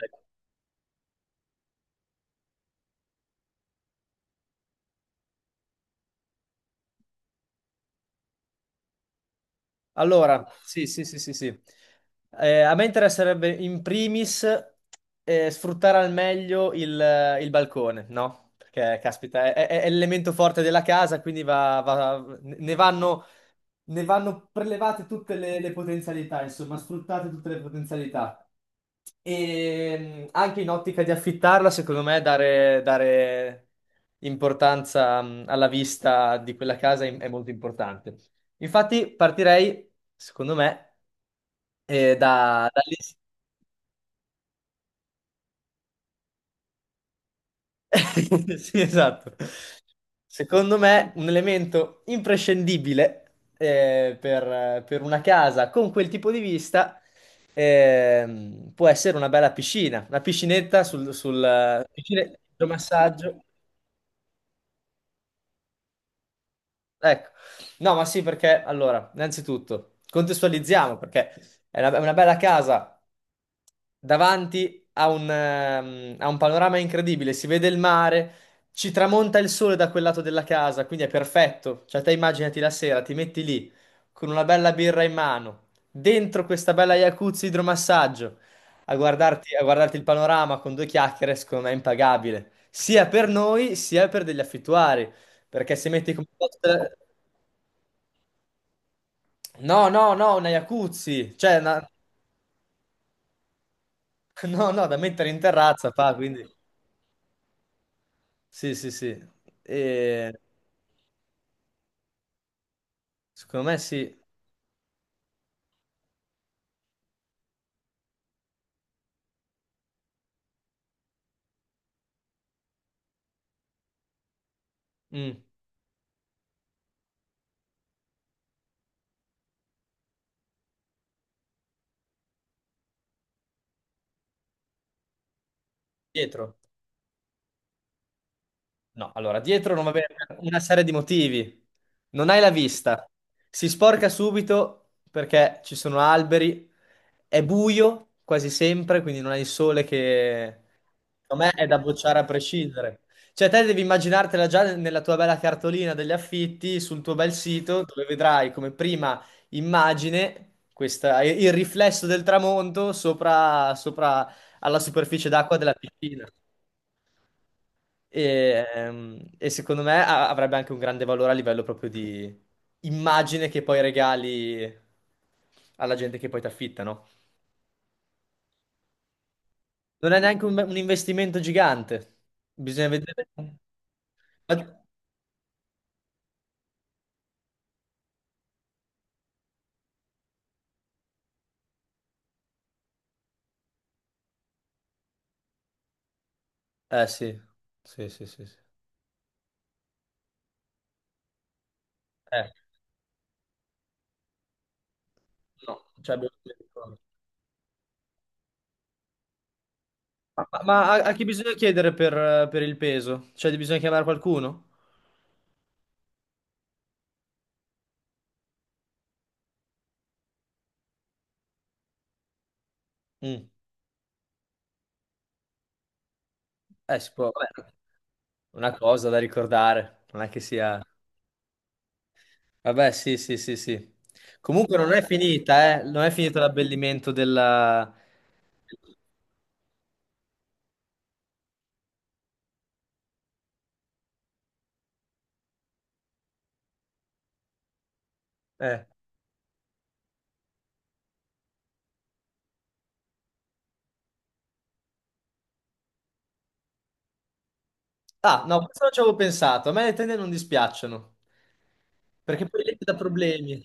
Ecco. Allora, sì, sì, sì, sì, sì. A me interesserebbe in primis sfruttare al meglio il balcone, no? Perché, caspita, è l'elemento forte della casa, quindi ne vanno prelevate tutte le potenzialità, insomma, sfruttate tutte le potenzialità. E anche in ottica di affittarla, secondo me, dare importanza alla vista di quella casa è molto importante. Infatti, partirei, secondo me, eh, da, dall'ins- Sì, esatto. Secondo me, un elemento imprescindibile per una casa con quel tipo di vista può essere una bella piscina, una piscinetta idromassaggio. Ecco, no, ma sì, perché allora, innanzitutto contestualizziamo perché è una bella casa davanti a un panorama incredibile. Si vede il mare, ci tramonta il sole da quel lato della casa, quindi è perfetto. Cioè, te immaginati la sera, ti metti lì con una bella birra in mano, dentro questa bella jacuzzi idromassaggio, a guardarti il panorama con due chiacchiere, secondo me è impagabile, sia per noi sia per degli affittuari. Perché se metti come costo. No, no, no, una jacuzzi. No, no, da mettere in terrazza, fa, quindi, sì, sì, sì, E- Secondo me sì. Mm. Dietro. No, allora, dietro non va bene per una serie di motivi. Non hai la vista, si sporca subito perché ci sono alberi, è buio quasi sempre, quindi non hai il sole che, secondo me, è da bocciare a prescindere. Cioè, te devi immaginartela già nella tua bella cartolina degli affitti, sul tuo bel sito, dove vedrai come prima immagine il riflesso del tramonto sopra alla superficie d'acqua della piscina. E secondo me avrebbe anche un grande valore a livello proprio di immagine che poi regali alla gente che poi ti affitta, no? Non è neanche un investimento gigante. Bisogna vedere. Ma- Eh sì, sì, sì, sì, sì. Eh, no, cioè, ma a chi bisogna chiedere per il peso? Cioè, bisogna chiamare qualcuno? Mm. Si può. Vabbè, una cosa da ricordare, non è che sia. Vabbè, sì, sì, sì, sì. Comunque non è Vabbè. Finita, eh? Non è finito l'abbellimento della. eh. Ah, no, questo non ci avevo pensato. A me le tende non dispiacciono, perché poi lì ti dà problemi.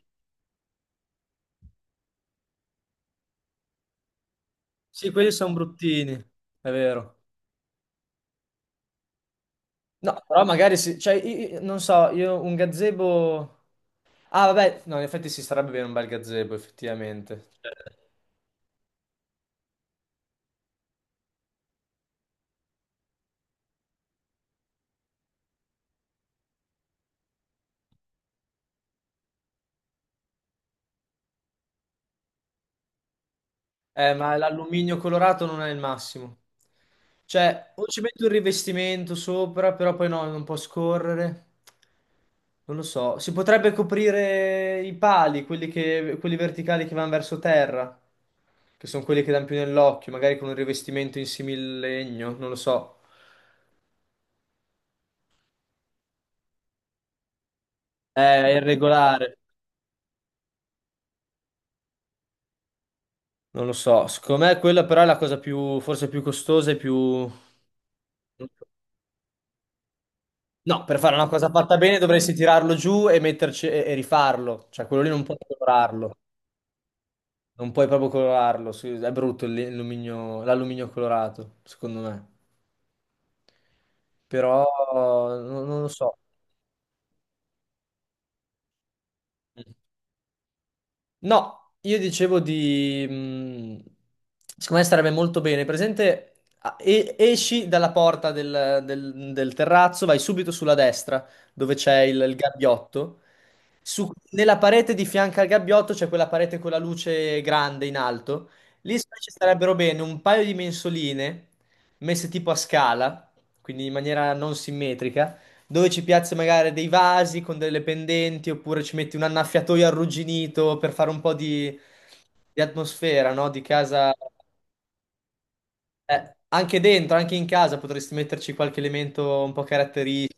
Sì, quelli sono bruttini, è vero. No, però magari sì, cioè, non so, io un gazebo. Ah, vabbè, no, in effetti si starebbe bene un bel gazebo, effettivamente. Ma l'alluminio colorato non è il massimo. Cioè, o ci metto un rivestimento sopra, però poi no, non può scorrere. Non lo so. Si potrebbe coprire i pali, quelli verticali che vanno verso terra, che sono quelli che danno più nell'occhio, magari con un rivestimento in similegno, non lo so. È irregolare, non lo so. Secondo me quella però è la cosa più, forse più costosa e più. No, per fare una cosa fatta bene dovresti tirarlo giù e metterci e rifarlo. Cioè, quello lì non puoi colorarlo. Non puoi proprio colorarlo. È brutto l'alluminio colorato, secondo me. Però non lo so. No, io dicevo di, secondo me starebbe molto bene. Presente, esci dalla porta del terrazzo, vai subito sulla destra, dove c'è il gabbiotto. Nella parete di fianco al gabbiotto c'è quella parete con la luce grande in alto. Lì secondo me ci starebbero bene un paio di mensoline messe tipo a scala, quindi in maniera non simmetrica dove ci piazzi magari dei vasi con delle pendenti oppure ci metti un annaffiatoio arrugginito per fare un po' di atmosfera, no? Di casa. Anche dentro, anche in casa potresti metterci qualche elemento un po' caratteristico,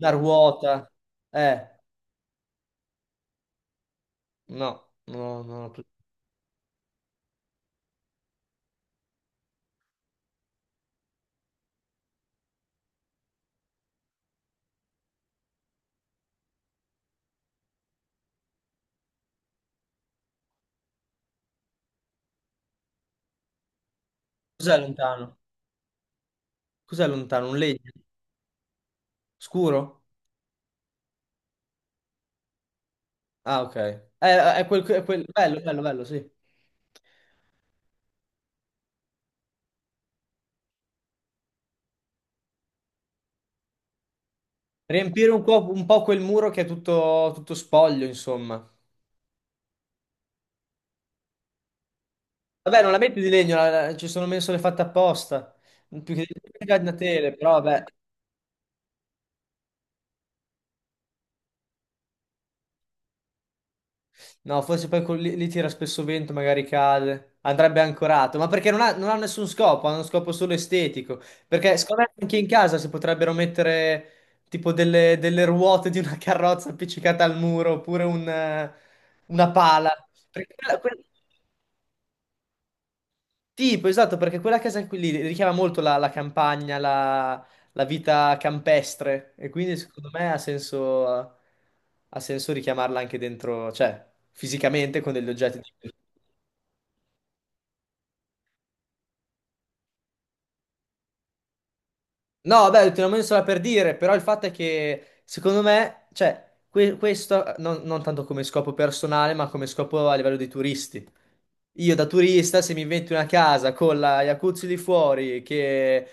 una ruota. Eh, no, no, no. Cos'è lontano? Cos'è lontano? Un legno? Scuro? Ah, ok. È quel. Bello, bello, bello, sì. Riempire un po' quel muro che è tutto, tutto spoglio, insomma. Vabbè, non la metti di legno, ci sono mensole fatte apposta. Più che una tele, però vabbè. No, forse poi lì tira spesso vento, magari cade. Andrebbe ancorato, ma perché non ha nessun scopo, ha uno scopo solo estetico. Perché secondo me anche in casa si potrebbero mettere tipo delle ruote di una carrozza appiccicata al muro, oppure una pala. Perché quella- quella- Tipo, esatto, perché quella casa qui lì richiama molto la campagna, la vita campestre e quindi secondo me ha senso richiamarla anche dentro, cioè fisicamente con degli oggetti. No, beh, te l'ho messo là per dire, però il fatto è che secondo me, cioè, questo non tanto come scopo personale, ma come scopo a livello dei turisti. Io da turista, se mi invento una casa con la jacuzzi di fuori, che,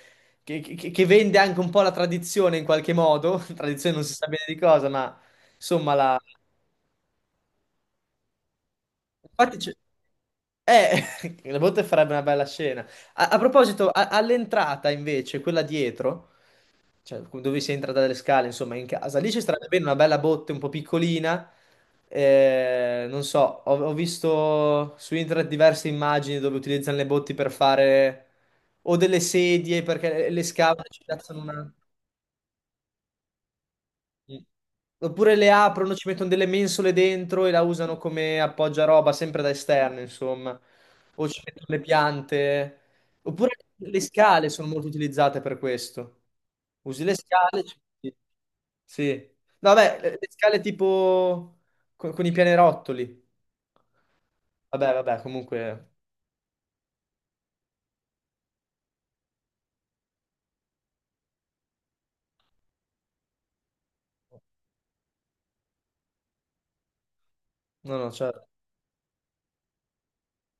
che- che- che vende anche un po' la tradizione in qualche modo, tradizione non si sa bene di cosa, ma insomma, la. infatti c'è- le botte farebbe una bella scena. A proposito, all'entrata invece, quella dietro. Cioè, dove si entra dalle scale, insomma, in casa. Lì ci starebbe bene una bella botte un po' piccolina. Non so, ho visto su internet diverse immagini dove utilizzano le botti per fare o delle sedie perché le scavano e ci piazzano una. Mm. Oppure le aprono, ci mettono delle mensole dentro e la usano come appoggiaroba, sempre da esterno, insomma. O ci mettono le piante. Oppure le scale sono molto utilizzate per questo. Usi le scale. Sì. No, vabbè, le scale tipo con i pianerottoli. Vabbè, vabbè, comunque. No, no, certo.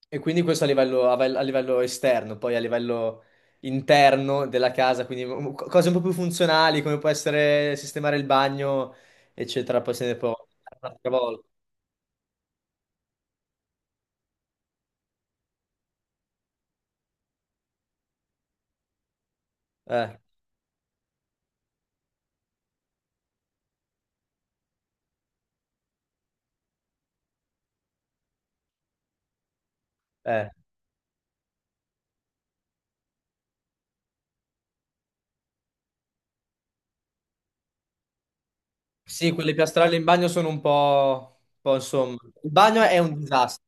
E quindi questo a livello, a livello esterno, poi a livello interno della casa, quindi cose un po' più funzionali, come può essere sistemare il bagno, eccetera, poi se ne può parlare un'altra volta. Eh, eh. Sì, quelle piastrelle in bagno sono un po', insomma. Il bagno è un disastro,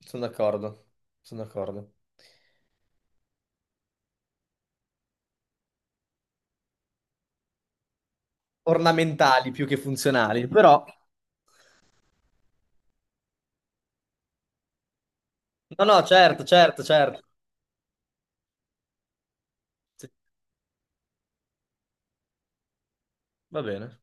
sono d'accordo, sono d'accordo. Ornamentali più che funzionali, però. No, no, certo, certo, certo. Sì, va bene.